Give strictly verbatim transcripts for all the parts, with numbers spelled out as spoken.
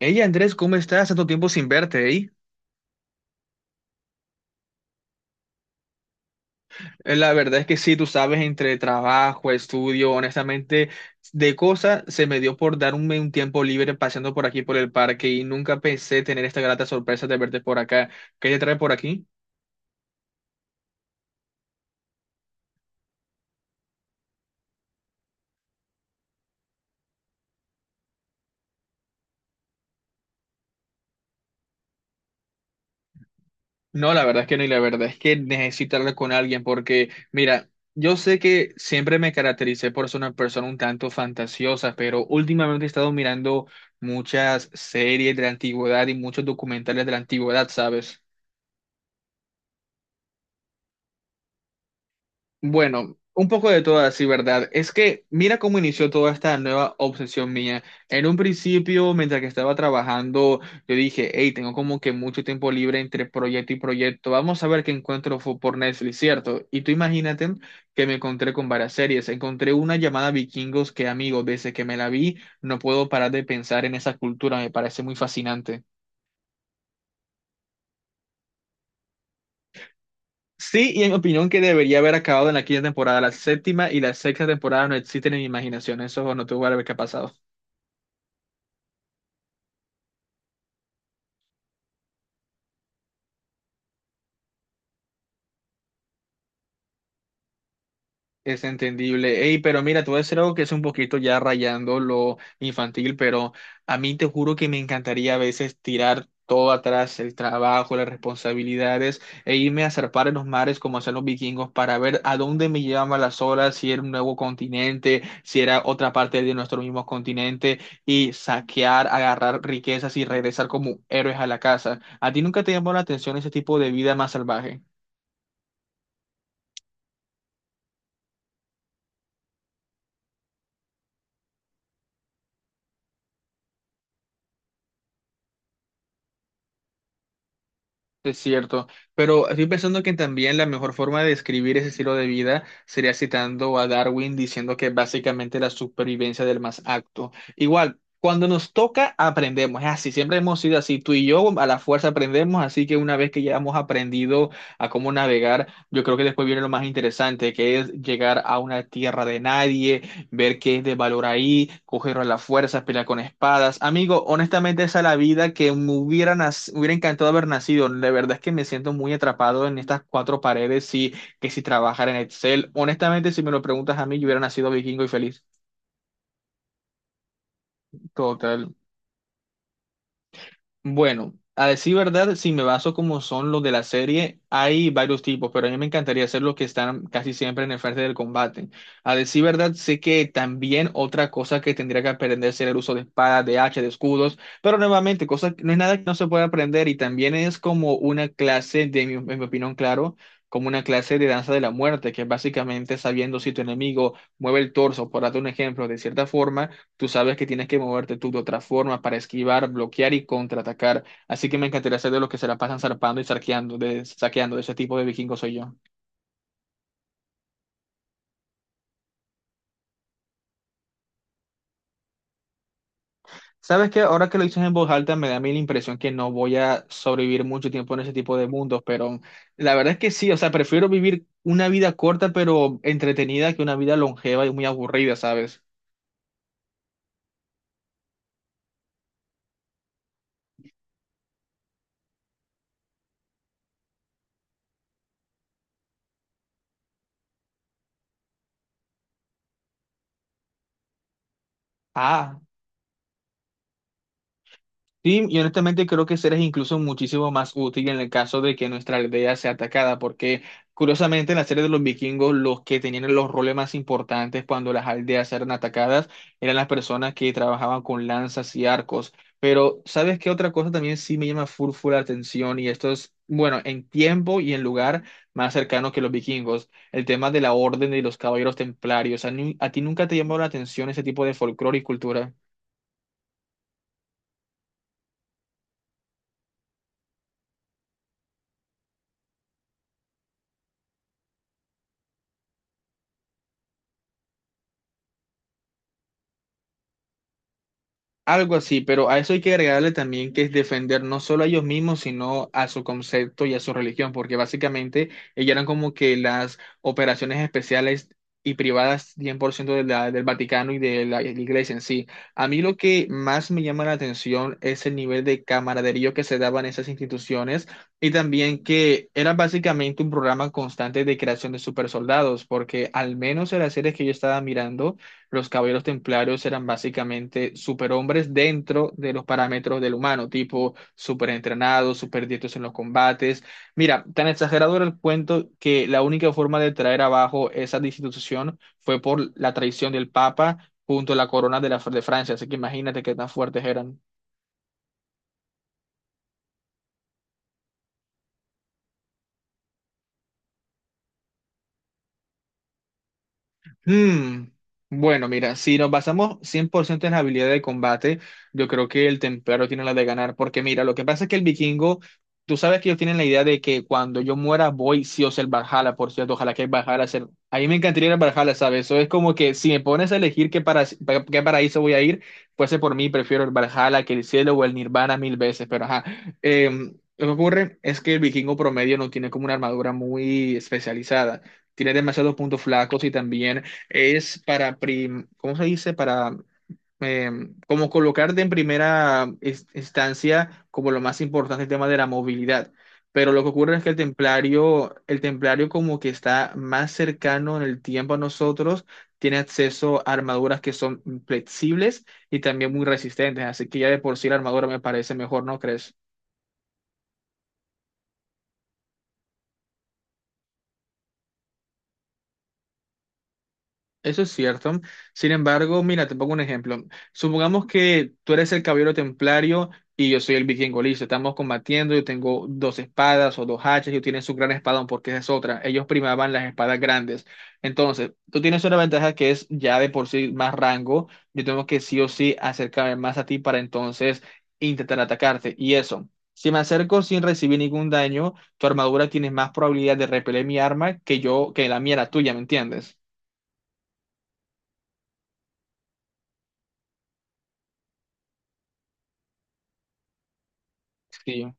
Hey Andrés, ¿cómo estás? Tanto tiempo sin verte, ¿eh? Eh, La verdad es que sí, tú sabes, entre trabajo, estudio, honestamente, de cosas se me dio por darme un tiempo libre paseando por aquí por el parque y nunca pensé tener esta grata sorpresa de verte por acá. ¿Qué te trae por aquí? No, la verdad es que no, y la verdad es que necesito hablar con alguien porque, mira, yo sé que siempre me caractericé por ser una persona un tanto fantasiosa, pero últimamente he estado mirando muchas series de la antigüedad y muchos documentales de la antigüedad, ¿sabes? Bueno, un poco de todo así, ¿verdad? Es que mira cómo inició toda esta nueva obsesión mía. En un principio, mientras que estaba trabajando, yo dije, hey, tengo como que mucho tiempo libre entre proyecto y proyecto. Vamos a ver qué encuentro fu- por Netflix, ¿cierto? Y tú imagínate que me encontré con varias series. Encontré una llamada Vikingos que, amigo, desde que me la vi, no puedo parar de pensar en esa cultura. Me parece muy fascinante. Sí, y en mi opinión que debería haber acabado en la quinta temporada. La séptima y la sexta temporada no existen en mi imaginación. Eso no tuvo que haber pasado. Es entendible. Ey, pero mira, te voy a decir algo que es un poquito ya rayando lo infantil, pero a mí te juro que me encantaría a veces tirar todo atrás, el trabajo, las responsabilidades, e irme a zarpar en los mares como hacían los vikingos para ver a dónde me llevaban las olas, si era un nuevo continente, si era otra parte de nuestro mismo continente, y saquear, agarrar riquezas y regresar como héroes a la casa. ¿A ti nunca te llamó la atención ese tipo de vida más salvaje? Es cierto, pero estoy pensando que también la mejor forma de describir ese estilo de vida sería citando a Darwin diciendo que básicamente la supervivencia del más apto. Igual, cuando nos toca, aprendemos. Es así, siempre hemos sido así. Tú y yo a la fuerza aprendemos, así que una vez que ya hemos aprendido a cómo navegar, yo creo que después viene lo más interesante, que es llegar a una tierra de nadie, ver qué es de valor ahí, cogerlo a la fuerza, pelear con espadas. Amigo, honestamente esa es la vida que me hubiera, nac- me hubiera encantado haber nacido. La verdad es que me siento muy atrapado en estas cuatro paredes y que si trabajara en Excel. Honestamente, si me lo preguntas a mí, yo hubiera nacido vikingo y feliz. Total. Bueno, a decir verdad, si me baso como son los de la serie, hay varios tipos, pero a mí me encantaría hacer los que están casi siempre en el frente del combate. A decir verdad, sé que también otra cosa que tendría que aprender sería el uso de espadas, de hachas, de escudos, pero nuevamente, cosa, no es nada que no se pueda aprender y también es como una clase, de mi, en mi opinión, claro, como una clase de danza de la muerte, que es básicamente sabiendo si tu enemigo mueve el torso, por darte un ejemplo, de cierta forma. Tú sabes que tienes que moverte tú de otra forma para esquivar, bloquear y contraatacar. Así que me encantaría ser de los que se la pasan zarpando y saqueando, de, saqueando. De ese tipo de vikingos soy yo. ¿Sabes que ahora que lo dices en voz alta, me da a mí la impresión que no voy a sobrevivir mucho tiempo en ese tipo de mundos, pero la verdad es que sí? O sea, prefiero vivir una vida corta pero entretenida que una vida longeva y muy aburrida, ¿sabes? Ah, sí, y honestamente creo que ese es incluso muchísimo más útil en el caso de que nuestra aldea sea atacada, porque curiosamente en la serie de los vikingos los que tenían los roles más importantes cuando las aldeas eran atacadas eran las personas que trabajaban con lanzas y arcos. Pero ¿sabes qué otra cosa también sí me llama full full la atención? Y esto es, bueno, en tiempo y en lugar más cercano que los vikingos, el tema de la orden de los caballeros templarios. ¿A, nu- a ti nunca te llamó la atención ese tipo de folclore y cultura? Algo así, pero a eso hay que agregarle también que es defender no solo a ellos mismos, sino a su concepto y a su religión, porque básicamente ellas eran como que las operaciones especiales y privadas cien por ciento de la- del Vaticano y de la, la iglesia en sí. A mí lo que más me llama la atención es el nivel de camaradería que se daban esas instituciones y también que era básicamente un programa constante de creación de supersoldados, porque al menos en las series que yo estaba mirando, los caballeros templarios eran básicamente superhombres dentro de los parámetros del humano, tipo superentrenados, superdiestros en los combates. Mira, tan exagerado era el cuento que la única forma de traer abajo esa institución fue por la traición del Papa junto a la corona de, la, de Francia, así que imagínate qué tan fuertes eran. Hmm, Bueno, mira, si nos basamos cien por ciento en la habilidad de combate, yo creo que el templario tiene la de ganar, porque mira, lo que pasa es que el vikingo, tú sabes que ellos tienen la idea de que cuando yo muera voy sí o sí al Valhalla. Por cierto, ojalá que el Valhalla sea... A mí me encantaría ir al Valhalla, ¿sabes? Eso es como que si me pones a elegir qué, para... pa- qué paraíso voy a ir, fuese por mí, prefiero el Valhalla que el cielo o el Nirvana mil veces, pero ajá. Em, lo que ocurre es que el vikingo promedio no tiene como una armadura muy especializada. Tiene demasiados puntos flacos y también es para, prim- ¿cómo se dice? Para, eh, como colocarte en primera ins- instancia como lo más importante el tema de la movilidad. Pero lo que ocurre es que el templario, el templario como que está más cercano en el tiempo a nosotros, tiene acceso a armaduras que son flexibles y también muy resistentes. Así que ya de por sí la armadura me parece mejor, ¿no crees? Eso es cierto. Sin embargo, mira, te pongo un ejemplo. Supongamos que tú eres el caballero templario y yo soy el vikingo, listo. Estamos combatiendo, yo tengo dos espadas o dos hachas, yo tienen su gran espadón porque esa es otra. Ellos primaban las espadas grandes. Entonces, tú tienes una ventaja que es ya de por sí más rango. Yo tengo que sí o sí acercarme más a ti para entonces intentar atacarte. Y eso. Si me acerco sin recibir ningún daño, tu armadura tiene más probabilidad de repeler mi arma que yo, que la mía, la tuya, ¿me entiendes? Sí.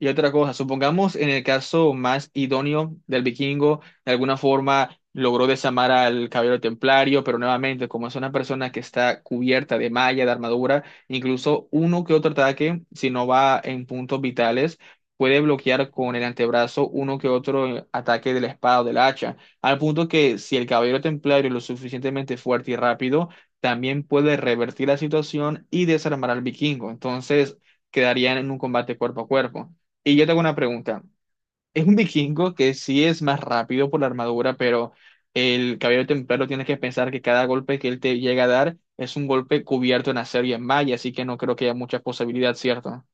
Y otra cosa, supongamos en el caso más idóneo del vikingo, de alguna forma logró desarmar al caballero templario, pero nuevamente, como es una persona que está cubierta de malla, de armadura, incluso uno que otro ataque, si no va en puntos vitales, puede bloquear con el antebrazo uno que otro eh, ataque de la espada o del hacha, al punto que si el caballero templario es lo suficientemente fuerte y rápido, también puede revertir la situación y desarmar al vikingo. Entonces, quedarían en un combate cuerpo a cuerpo. Y yo tengo una pregunta. Es un vikingo que sí es más rápido por la armadura, pero el caballero templario tiene que pensar que cada golpe que él te llega a dar es un golpe cubierto en acero y en malla, así que no creo que haya mucha posibilidad, ¿cierto?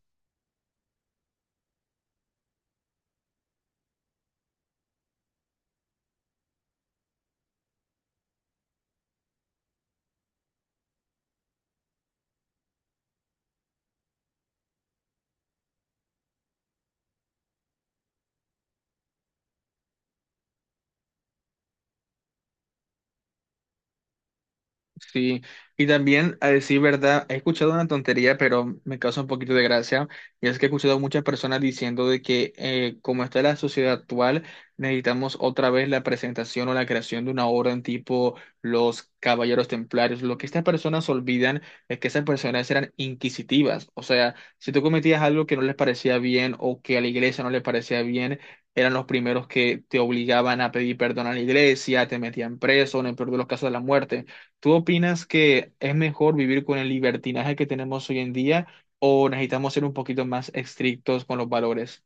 Sí, y también a decir verdad, he escuchado una tontería, pero me causa un poquito de gracia, y es que he escuchado a muchas personas diciendo de que eh, como está la sociedad actual, necesitamos otra vez la presentación o la creación de una orden tipo los Caballeros Templarios. Lo que estas personas olvidan es que esas personas eran inquisitivas, o sea, si tú cometías algo que no les parecía bien o que a la iglesia no le parecía bien, eran los primeros que te obligaban a pedir perdón a la iglesia, te metían preso, en el peor de los casos de la muerte. ¿Tú opinas que es mejor vivir con el libertinaje que tenemos hoy en día o necesitamos ser un poquito más estrictos con los valores?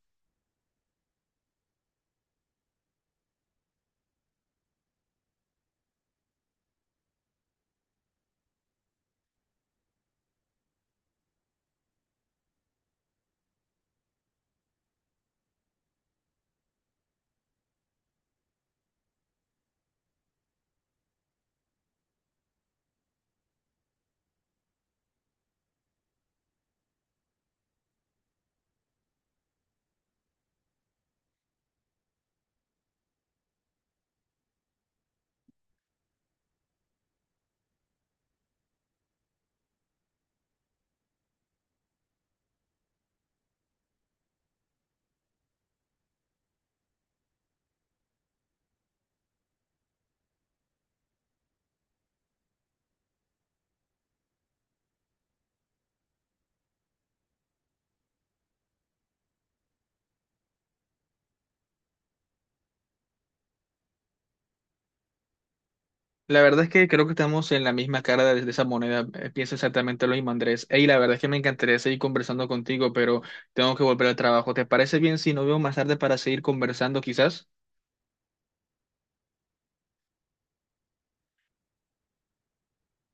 La verdad es que creo que estamos en la misma cara de, de esa moneda. Eh, Pienso exactamente lo mismo, Andrés. Ey, la verdad es que me encantaría seguir conversando contigo, pero tengo que volver al trabajo. ¿Te parece bien si nos vemos más tarde para seguir conversando, quizás?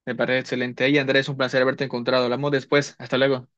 Me parece excelente. Ey, Andrés, un placer haberte encontrado. Hablamos después. Hasta luego.